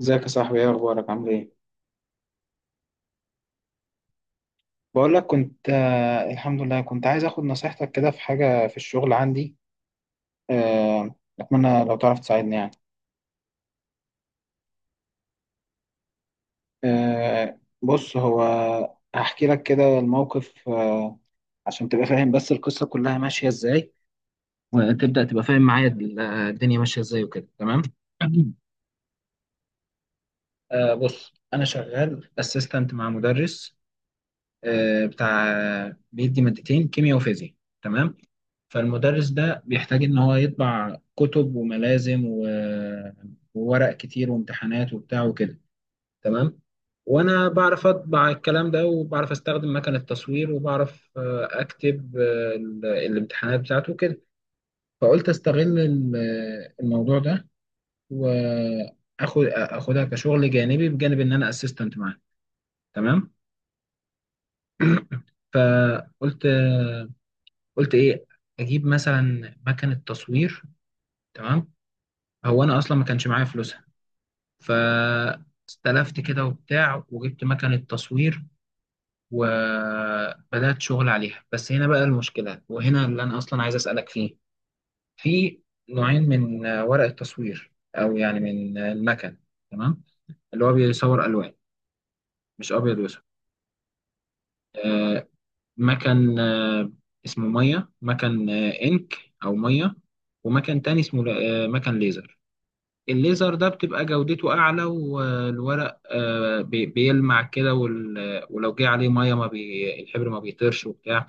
ازيك يا صاحبي؟ ايه اخبارك؟ عامل ايه؟ بقول لك كنت الحمد لله، كنت عايز اخد نصيحتك كده في حاجه في الشغل عندي. آه، اتمنى لو تعرف تساعدني يعني. بص، هو هحكي لك كده الموقف عشان تبقى فاهم بس القصه كلها ماشيه ازاي، وتبدا تبقى فاهم معايا الدنيا ماشيه ازاي وكده، تمام. بص، انا شغال اسيستنت مع مدرس، بتاع، بيدي مادتين كيمياء وفيزياء. تمام. فالمدرس ده بيحتاج ان هو يطبع كتب وملازم وورق كتير وامتحانات وبتاع وكده. تمام. وانا بعرف اطبع الكلام ده، وبعرف استخدم مكنة تصوير، وبعرف اكتب الامتحانات بتاعته وكده. فقلت استغل الموضوع ده، اخدها كشغل جانبي بجانب ان انا اسيستنت معاه. تمام. فقلت قلت ايه، اجيب مثلا مكنة تصوير. تمام. هو انا اصلا ما كانش معايا فلوس، فاستلفت كده وبتاع وجبت مكنة تصوير، وبدأت شغل عليها. بس هنا بقى المشكلة، وهنا اللي أنا أصلا عايز أسألك فيه. في نوعين من ورق التصوير، أو يعني من المكن. تمام. اللي هو بيصور ألوان، مش أبيض وأسود. آه، مكن اسمه مية، مكن إنك أو مية، ومكن تاني اسمه مكن ليزر. الليزر ده بتبقى جودته أعلى، والورق بيلمع كده، ولو جه عليه مية ما بي الحبر ما بيطيرش وبتاع.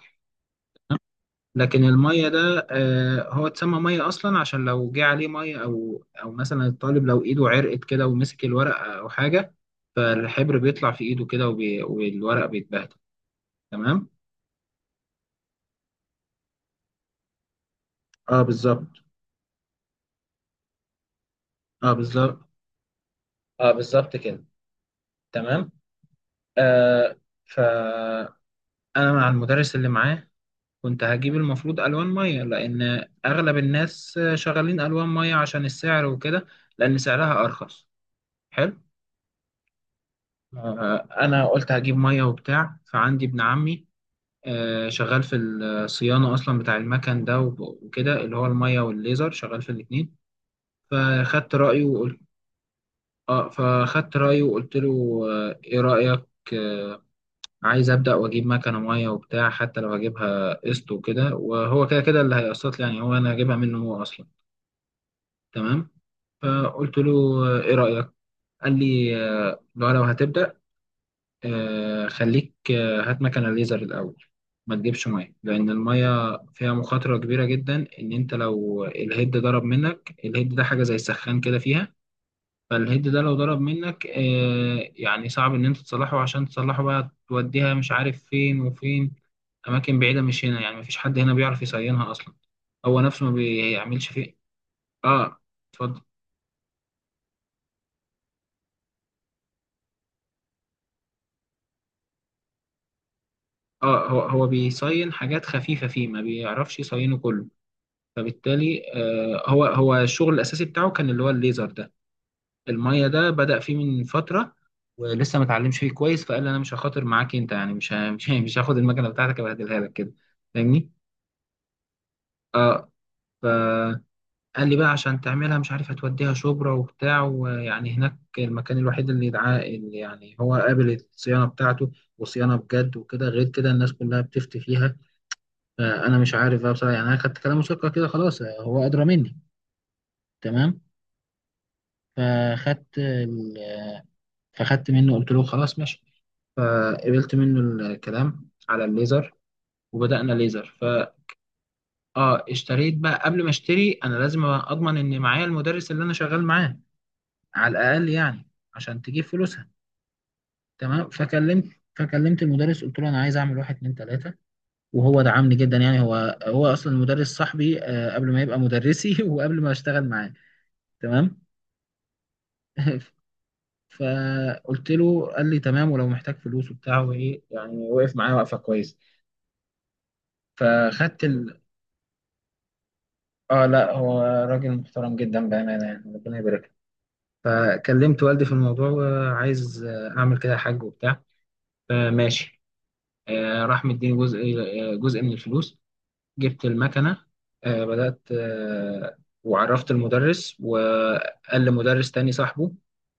لكن المية ده هو اتسمى مية أصلا عشان لو جه عليه مية أو مثلا الطالب لو إيده عرقت كده ومسك الورق أو حاجة، فالحبر بيطلع في إيده كده، والورق بيتبهدل. تمام؟ اه، بالظبط. اه، بالظبط. اه، بالظبط كده. تمام. آه، فأنا مع المدرس اللي معاه كنت هجيب المفروض الوان ميه، لان اغلب الناس شغالين الوان ميه عشان السعر وكده، لان سعرها ارخص. حلو. انا قلت هجيب ميه وبتاع. فعندي ابن عمي شغال في الصيانه اصلا بتاع المكن ده وكده، اللي هو الميه والليزر، شغال في الاتنين. فخدت رايه وقلت. اه، فخدت رايه وقلت له ايه رايك. آه، عايز ابدا واجيب مكنه ميه وبتاع، حتى لو هجيبها قسط وكده، وهو كده كده اللي هيقسط لي يعني، هو انا هجيبها منه هو اصلا. تمام. فقلت له ايه رأيك. قال لي لو هتبدأ، خليك، هات مكنة ليزر الأول، ما تجيبش مية، لأن المية فيها مخاطرة كبيرة جدا. إن أنت لو الهيد ضرب منك، الهيد ده حاجة زي السخان كده فيها. فالهيد ده لو ضرب منك يعني صعب إن أنت تصلحه، عشان تصلحه بقى توديها مش عارف فين وفين، أماكن بعيدة مش هنا يعني. مفيش حد هنا بيعرف يصينها أصلا، هو نفسه ما بيعملش فيه. آه. اتفضل. اه، هو هو بيصين حاجات خفيفة فيه، ما بيعرفش يصينه كله. فبالتالي آه، هو الشغل الأساسي بتاعه كان اللي هو الليزر ده. المية ده بدأ فيه من فترة، ولسه ما اتعلمش فيه كويس. فقال انا مش هخاطر معاك انت يعني، مش هاخد المكنة بتاعتك ابهدلها لك كده. فاهمني؟ اه. فقال لي بقى عشان تعملها مش عارف هتوديها شبرا وبتاع، ويعني هناك المكان الوحيد اللي يدعاه اللي يعني هو قابل الصيانة بتاعته، وصيانة بجد وكده. غير كده الناس كلها بتفتي فيها. انا مش عارف بقى بصراحه يعني. انا خدت كلام مسكر كده خلاص، هو ادرى مني. تمام. فخدت ال... آه، فخدت منه، قلت له خلاص ماشي. فقبلت منه الكلام على الليزر، وبدأنا ليزر. ف- اه، اشتريت بقى. قبل ما اشتري انا لازم اضمن ان معايا المدرس اللي انا شغال معاه، على الاقل يعني، عشان تجيب فلوسها. تمام. فكلمت المدرس، قلت له انا عايز اعمل واحد اتنين تلاته، وهو دعمني جدا. يعني هو اصلا المدرس صاحبي قبل ما يبقى مدرسي وقبل ما اشتغل معاه. تمام. فقلت له، قال لي تمام، ولو محتاج فلوس وبتاع وايه يعني. وقف معايا وقفه كويس. فخدت ال... اه لا، هو راجل محترم جدا بامانه، يعني ربنا يبارك له. فكلمت والدي في الموضوع، وعايز اعمل كده حاج وبتاع. فماشي، راح مديني جزء، جزء من الفلوس. جبت المكنة، آه، بدأت آه، وعرفت المدرس، وقال لمدرس تاني صاحبه،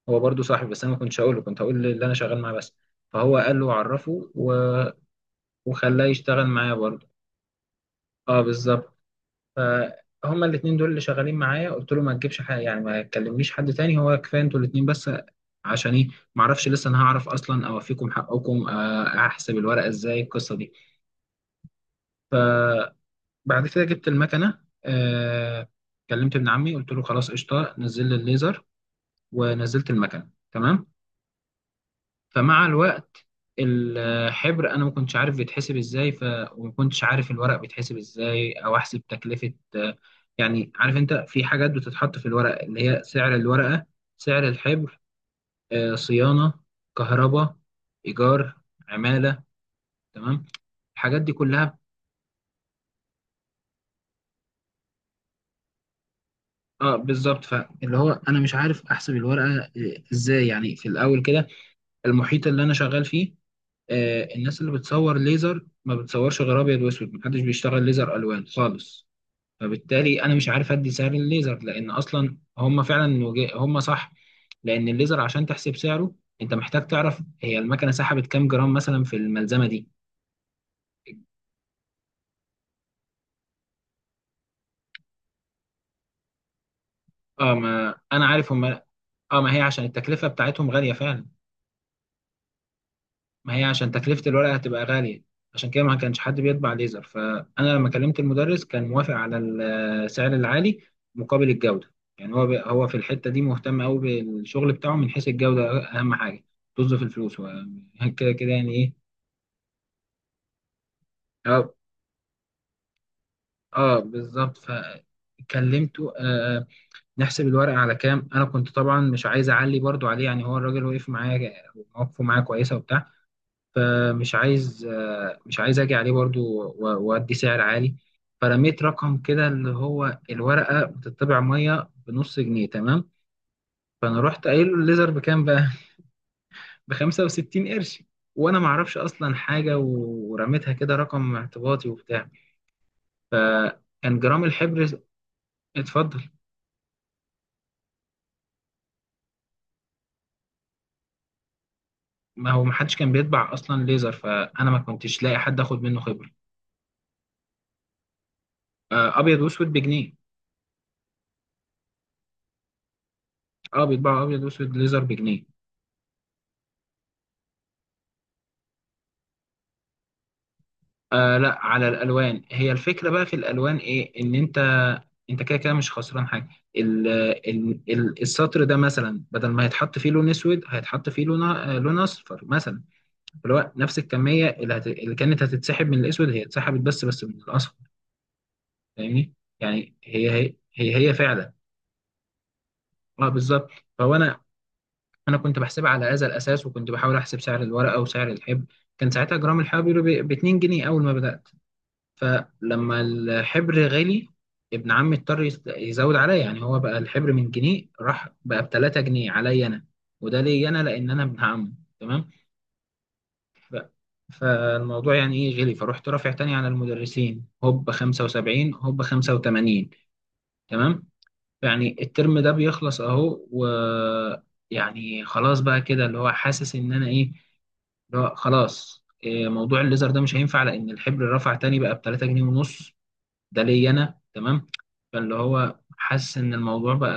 هو برضو صاحبي بس أنا ما كنتش هقوله، كنت هقول اللي أنا شغال معاه بس. فهو قال له، عرفه و... وخلاه يشتغل معايا برضو. اه بالظبط. فهما الاتنين دول اللي شغالين معايا. قلت له ما تجيبش حاجة يعني، ما تكلمليش حد تاني، هو كفاية انتوا الاتنين بس. عشان ايه؟ ما اعرفش لسه انا هعرف اصلا اوفيكم حقكم احسب الورقة ازاي القصة دي. بعد كده جبت المكنه، آه، كلمت ابن عمي قلت له خلاص قشطه نزل لي الليزر، ونزلت المكنه. تمام. فمع الوقت، الحبر انا ما كنتش عارف بيتحسب ازاي، ف- وما كنتش عارف الورق بيتحسب ازاي، او احسب تكلفه يعني عارف انت في حاجات بتتحط في الورق، اللي هي سعر الورقه، سعر الحبر، آه، صيانه، كهرباء، ايجار، عماله. تمام، الحاجات دي كلها. اه بالظبط. فاللي هو انا مش عارف احسب الورقه ازاي، يعني في الاول كده. المحيط اللي انا شغال فيه آه، الناس اللي بتصور ليزر ما بتصورش غير ابيض واسود، محدش بيشتغل ليزر الوان خالص. فبالتالي انا مش عارف ادي سعر الليزر، لان اصلا هم فعلا هم صح، لان الليزر عشان تحسب سعره انت محتاج تعرف هي المكنه سحبت كام جرام مثلا في الملزمه دي. اه، ما انا عارف هم. اه ما هي عشان التكلفه بتاعتهم غاليه فعلا. ما هي عشان تكلفة الورقة هتبقى غالية، عشان كده ما كانش حد بيطبع ليزر. فأنا لما كلمت المدرس كان موافق على السعر العالي مقابل الجودة، يعني هو في الحتة دي مهتم قوي بالشغل بتاعه من حيث الجودة، أهم حاجة، طز في الفلوس هو. كده كده يعني إيه. اه، بالظبط. فكلمته آه، آه، نحسب الورقة على كام. أنا كنت طبعا مش عايز أعلي برضو عليه، يعني هو الراجل وقف معايا، ومواقفه معايا كويسة وبتاع. فمش عايز مش عايز اجي عليه برضو وادي سعر عالي. فرميت رقم كده، اللي هو الورقه بتطبع ميه بنص جنيه تمام، فانا رحت قايل له الليزر بكام بقى، ب 65 قرش، وانا ما اعرفش اصلا حاجه ورميتها كده رقم اعتباطي وبتاع. فكان جرام الحبر. اتفضل. ما هو ما حدش كان بيطبع اصلا ليزر، فانا ما كنتش لاقي حد اخد منه خبره. ابيض واسود بجنيه. اه، بيطبعوا ابيض واسود ليزر بجنيه. آه لا، على الالوان، هي الفكره بقى في الالوان ايه، ان انت كده كده مش خسران حاجه. ال ال السطر ده مثلا بدل ما هيتحط فيه لون اسود، هيتحط فيه لون لون اصفر مثلا، اللي هو نفس الكميه اللي كانت هتتسحب من الاسود هي اتسحبت، بس بس من الاصفر. فاهمني؟ يعني هي فعلا. اه بالظبط. فهو انا، كنت بحسبها على هذا الاساس، وكنت بحاول احسب سعر الورقه وسعر الحبر. كان ساعتها جرام الحبر ب 2 جنيه اول ما بدات. فلما الحبر غالي، ابن عمي اضطر يزود عليا. يعني هو بقى الحبر من جنيه راح بقى ب 3 جنيه عليا انا، وده ليا انا لان انا ابن عمه. تمام. ف- فالموضوع يعني ايه، غلي. فرحت رافع تاني على المدرسين هوب 75 هوب 85. تمام. يعني الترم ده بيخلص اهو، ويعني خلاص بقى كده اللي هو حاسس ان انا ايه، اللي هو خلاص موضوع الليزر ده مش هينفع، لان الحبر رفع تاني بقى ب 3 جنيه ونص. ده ليا انا. تمام. فاللي هو حاسس ان الموضوع بقى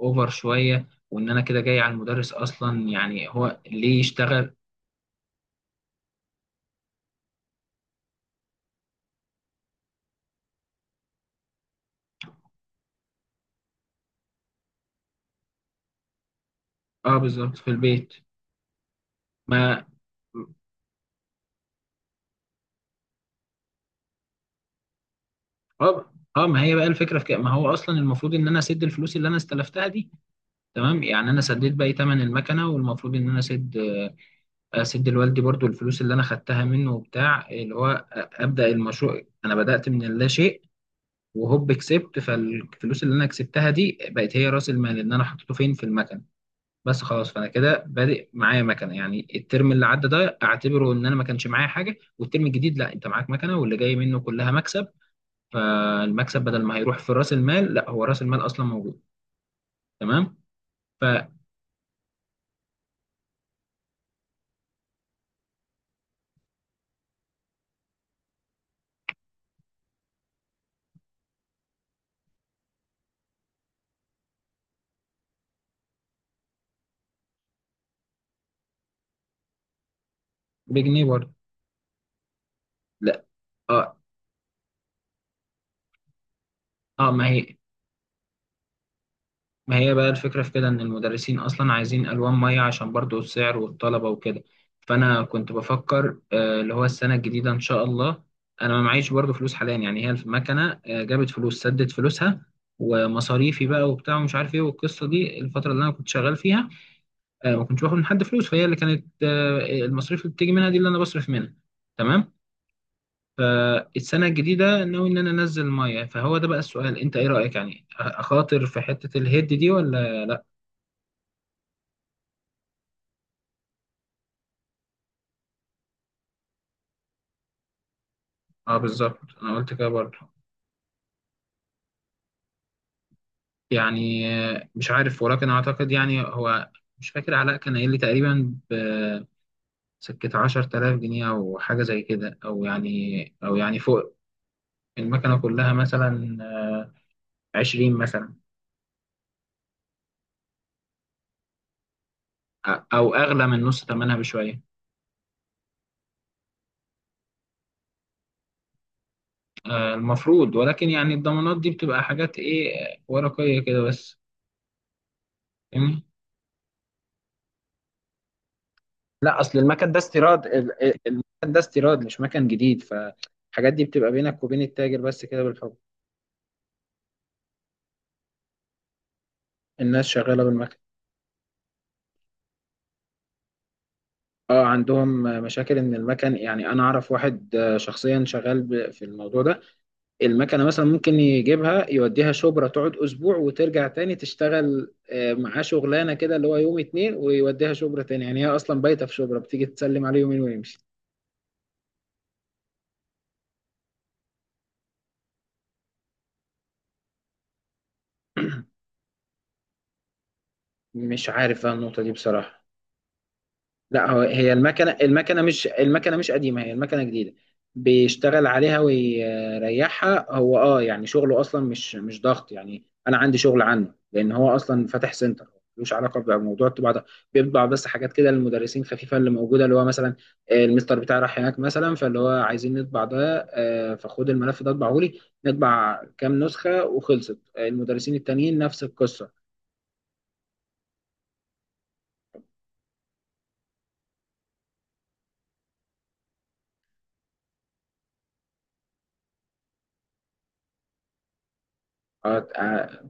اوفر شويه، وان انا كده جاي على المدرس اصلا، يعني هو ليه يشتغل. اه بالظبط، في البيت. ما اه اه ما هي بقى الفكره في كده، ما هو اصلا المفروض ان انا اسد الفلوس اللي انا استلفتها دي. تمام. يعني انا سديت باقي ثمن المكنه، والمفروض ان انا اسد، اسد لوالدي برضو الفلوس اللي انا خدتها منه وبتاع، اللي هو ابدا المشروع انا بدات من اللا شيء، وهوب كسبت. فالفلوس اللي انا كسبتها دي بقت هي راس المال اللي انا حطيته فين، في المكن بس خلاص. فانا كده بادئ معايا مكنه، يعني الترم اللي عدى ده اعتبره ان انا ما كانش معايا حاجه، والترم الجديد لا، انت معاك مكنه، واللي جاي منه كلها مكسب. فالمكسب بدل ما هيروح في راس المال، لا، هو راس المال اصلا موجود. تمام. فبجنيه برضه. لا. اه. اه، ما هي بقى الفكرة في كده، إن المدرسين أصلا عايزين ألوان مية عشان برضو السعر والطلبة وكده. فأنا كنت بفكر اللي هو السنة الجديدة إن شاء الله. أنا ما معيش برضو فلوس حاليا، يعني هي المكنة جابت فلوس سدت فلوسها، ومصاريفي بقى وبتاع ومش عارف إيه. والقصة دي الفترة اللي أنا كنت شغال فيها ما كنتش باخد من حد فلوس، فهي اللي كانت المصاريف اللي بتيجي منها دي اللي أنا بصرف منها. تمام. فالسنة الجديدة ناوي إن أنا أنزل مية، فهو ده بقى السؤال. أنت إيه رأيك يعني، أخاطر في حتة الهيد دي ولا لأ؟ اه بالظبط، انا قلت كده برضه. يعني مش عارف، ولكن اعتقد يعني هو، مش فاكر علاء كان قايل لي تقريبا بسكة 10000 جنيه او حاجة زي كده، او يعني، او يعني فوق. المكنة كلها مثلا 20 مثلا، او اغلى من نص ثمنها بشوية. المفروض، ولكن يعني الضمانات دي بتبقى حاجات ايه، ورقية كده بس. فاهمني؟ لا، اصل المكن ده استيراد، المكن ده استيراد مش مكن جديد، فالحاجات دي بتبقى بينك وبين التاجر بس كده بالحب. الناس شغالة بالمكن. اه، عندهم مشاكل ان المكن. يعني انا اعرف واحد شخصيا شغال في الموضوع ده. المكنة مثلا ممكن يجيبها يوديها شبرا تقعد اسبوع، وترجع تاني تشتغل معاه شغلانة كده اللي هو يوم اتنين، ويوديها شبرا تاني. يعني هي اصلا بايتة في شبرا، بتيجي تسلم عليه يومين ويمشي. مش عارف بقى النقطة دي بصراحة. لا، هي المكنه مش قديمه، هي المكنه جديده، بيشتغل عليها ويريحها هو، اه. يعني شغله اصلا مش ضغط، يعني انا عندي شغل عنه، لان هو اصلا فاتح سنتر، ملوش علاقه بموضوع الطباعه ده. بيطبع بس حاجات كده للمدرسين خفيفه اللي موجوده، اللي هو مثلا المستر بتاعي راح هناك مثلا، فاللي هو عايزين نطبع ده، فخد الملف ده اطبعه لي، نطبع كام نسخه، وخلصت. المدرسين التانيين نفس القصه. اه. اه.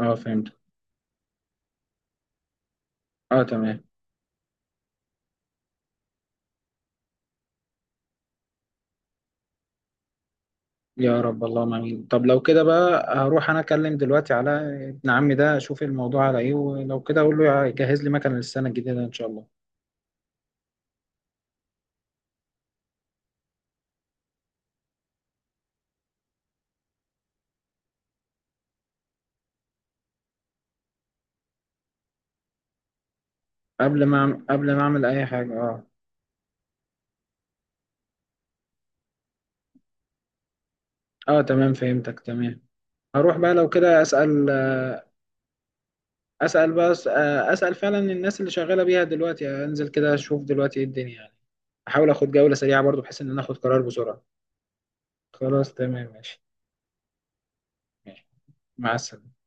فهمت. اه تمام، يا رب اللهم امين. طب لو كده بقى، هروح انا اكلم دلوقتي على ابن عمي ده، اشوف الموضوع على ايه، ولو كده اقول له يجهز لي مكنه للسنه الجديده ان شاء الله. قبل ما اعمل اي حاجه، اه. اه تمام، فهمتك تمام. هروح بقى لو كده اسال، اسال بس. اسال فعلا الناس اللي شغاله بيها دلوقتي، يعني انزل كده اشوف دلوقتي ايه الدنيا يعني، احاول اخد جوله سريعه برضو بحيث ان انا اخد قرار بسرعه. خلاص تمام ماشي. ماشي. مع السلامه.